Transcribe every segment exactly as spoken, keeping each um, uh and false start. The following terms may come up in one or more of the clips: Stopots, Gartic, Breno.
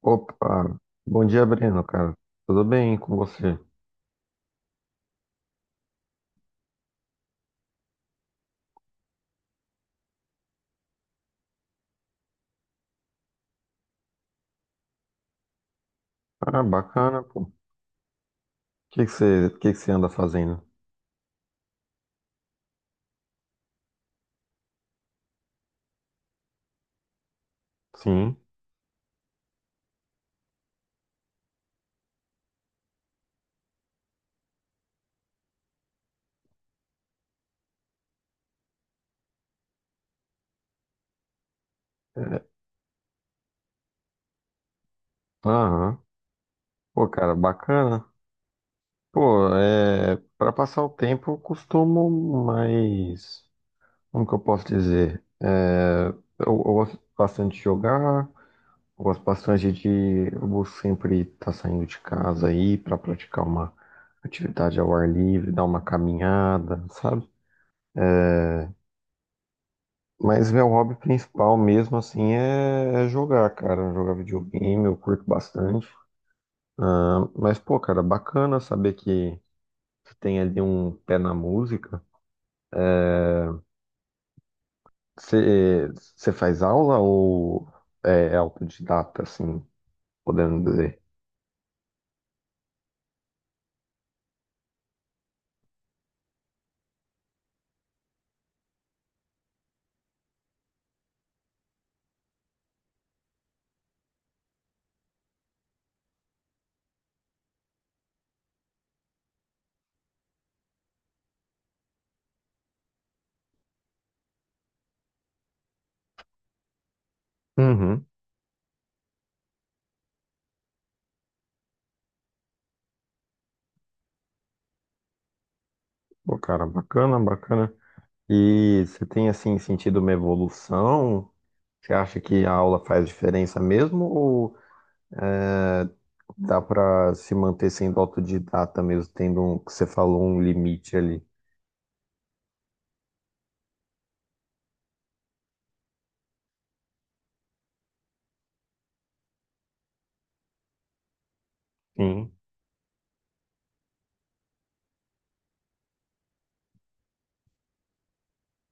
Opa, bom dia, Breno, cara. Tudo bem com você? Ah, bacana, pô. O que que você, que que você anda fazendo? Sim. Aham. Pô, cara, bacana. Pô, é, para passar o tempo, eu costumo mais, como que eu posso dizer? É, eu, eu gosto bastante de jogar, eu gosto bastante de, eu vou sempre estar saindo de casa aí para praticar uma atividade ao ar livre, dar uma caminhada, sabe? Mas meu hobby principal mesmo assim é, é jogar, cara. Jogar videogame, eu curto bastante. Ah, mas, pô, cara, bacana saber que você tem ali um pé na música. Você você faz aula ou é é autodidata, assim, podendo dizer? Uhum. Pô, cara, bacana, bacana. E você tem, assim, sentido uma evolução? Você acha que a aula faz diferença mesmo? Ou é dá pra se manter sendo autodidata mesmo, tendo um, que você falou, um limite ali. Sim.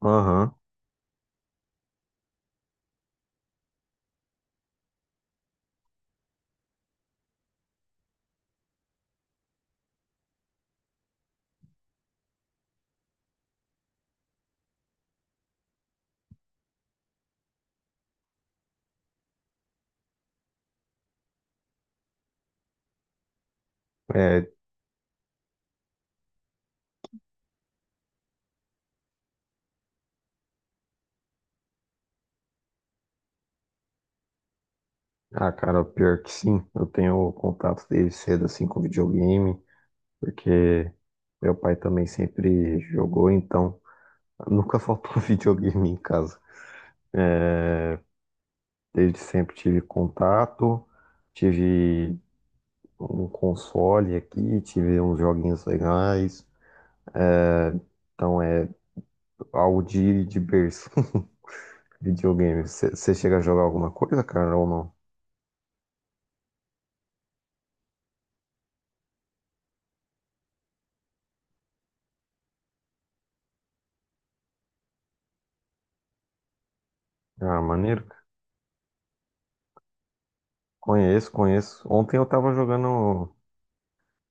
Aham. É, ah, cara, pior que sim. Eu tenho contato desde cedo, assim, com videogame, porque meu pai também sempre jogou, então nunca faltou videogame em casa. Desde sempre tive contato, tive um console aqui, tive uns joguinhos legais. Então é algo de, de berço. Videogame. Você chega a jogar alguma coisa, cara, ou não? Ah, maneiro. Conheço, conheço. Ontem eu tava jogando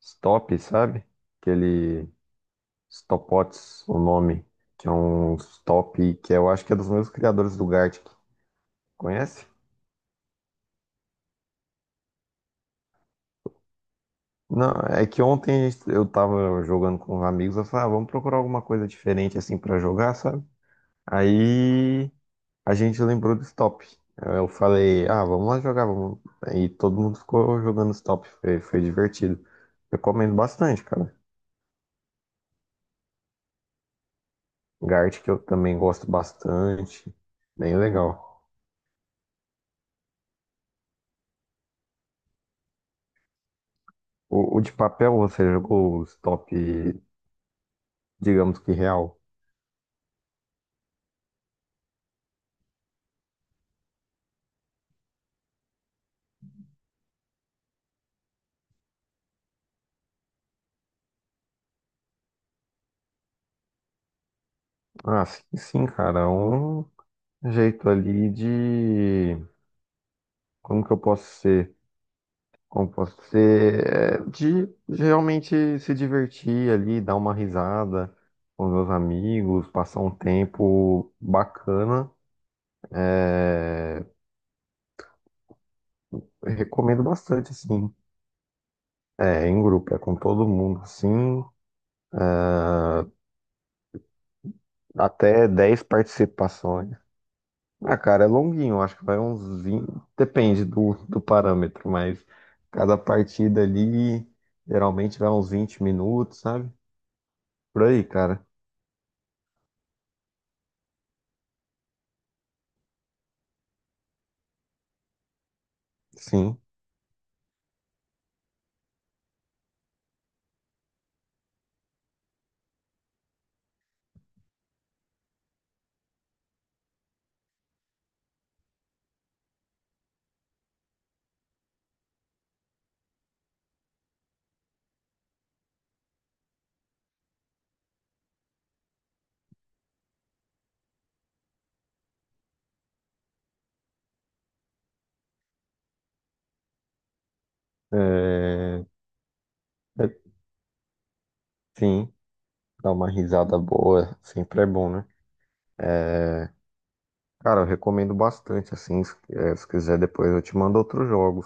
Stop, sabe? Aquele Stopots, o nome. Que é um Stop que eu acho que é dos mesmos criadores do Gartic. Conhece? Não, é que ontem a gente- eu tava jogando com os amigos. Eu falei, ah, vamos procurar alguma coisa diferente assim pra jogar, sabe? Aí a gente lembrou do stop. Eu falei, ah, vamos lá jogar, vamos. E todo mundo ficou jogando stop. Foi, foi divertido. Recomendo bastante, cara. Gart, que eu também gosto bastante. Bem legal. O, o de papel, você jogou o stop, digamos que real? Ah, sim, sim, cara. É um jeito ali de. Como que eu posso ser? Como posso ser é, de de realmente se divertir ali, dar uma risada com meus amigos, passar um tempo bacana. É, eu recomendo bastante, assim, é, em grupo, é com todo mundo, assim, até dez participações. Ah, cara, é longuinho, acho que vai uns vinte. Depende do, do parâmetro, mas cada partida ali geralmente vai uns vinte minutos, sabe? Por aí, cara, sim. É, é Sim, dar uma risada boa sempre é bom, né? Cara, eu recomendo bastante, assim, se, eh, se quiser depois eu te mando outros jogos.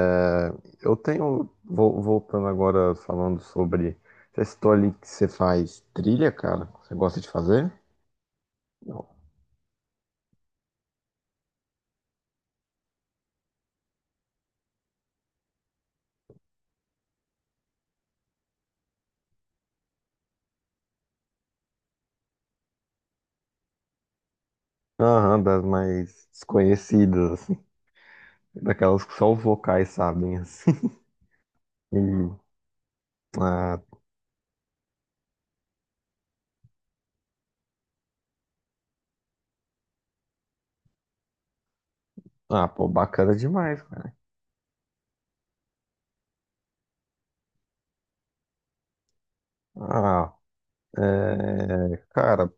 É, eu tenho, vol- voltando agora, falando sobre, você citou ali que você faz trilha, cara? Você gosta de fazer? Não. Aham, das mais desconhecidas, assim, daquelas que só os vocais sabem, assim. E, ah, ah, pô, bacana demais, cara. Ah, é, cara,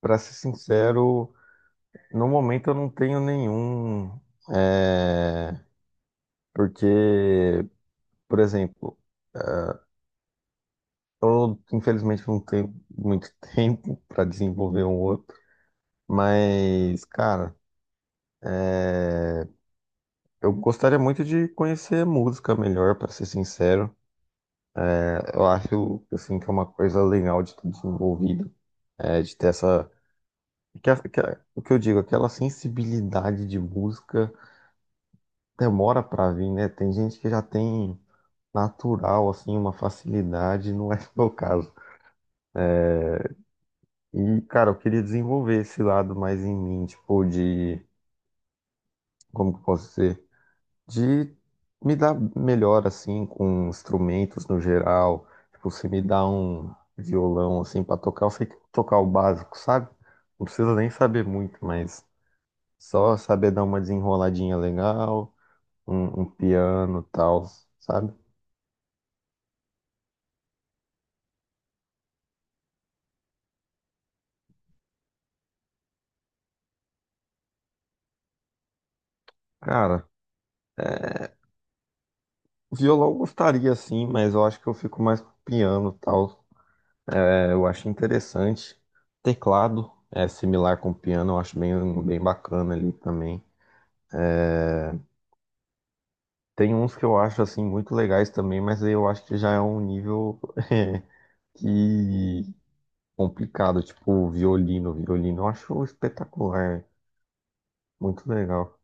pra ser sincero. No momento eu não tenho nenhum, é, porque, por exemplo, eu infelizmente não tenho muito tempo para desenvolver um outro, mas, cara, é, eu gostaria muito de conhecer música melhor, para ser sincero. Eu acho, assim, que é uma coisa legal de ter desenvolvido, é, de ter essa, que, a- que, a- o que eu digo, aquela sensibilidade de música demora para vir, né? Tem gente que já tem natural, assim, uma facilidade, não é o meu caso. E, cara, eu queria desenvolver esse lado mais em mim, tipo, de, como que eu posso dizer? De me dar melhor, assim, com instrumentos no geral. Tipo, se me dá um violão, assim, pra tocar, eu sei tocar o básico, sabe? Não precisa nem saber muito, mas só saber dar uma desenroladinha legal, um, um piano e tal, sabe? Cara. é Violão eu gostaria sim, mas eu acho que eu fico mais com piano e tal. É, eu acho interessante. Teclado é similar com piano, eu acho bem, bem bacana ali também. É, tem uns que eu acho assim muito legais também, mas aí eu acho que já é um nível é, que complicado, tipo violino, violino, eu acho espetacular, muito legal.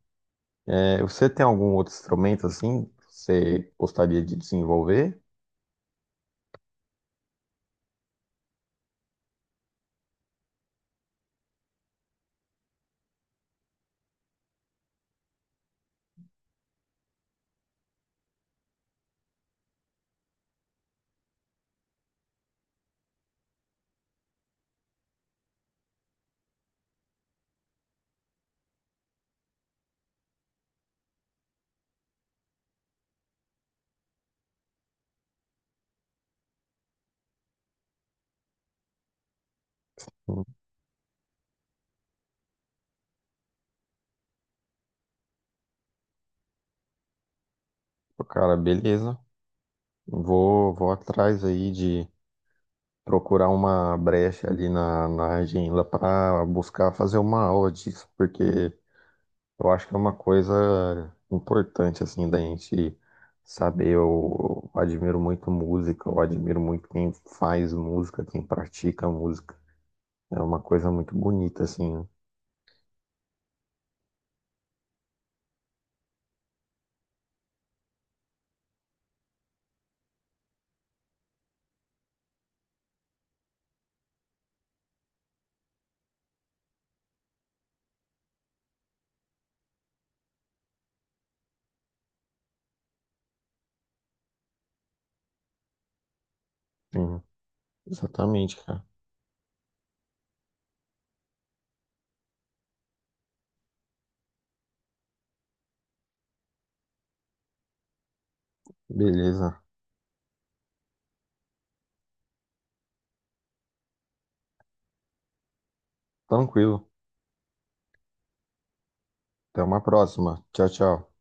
É, você tem algum outro instrumento assim que você gostaria de desenvolver? Hum, Cara, beleza. Vou, vou atrás aí de procurar uma brecha ali na, na agenda para buscar fazer uma aula disso, porque eu acho que é uma coisa importante, assim, da gente saber. Eu admiro muito música, eu admiro muito quem faz música, quem pratica música. É uma coisa muito bonita, assim. Sim, exatamente, cara. Beleza. Tranquilo. Até uma próxima. Tchau, tchau.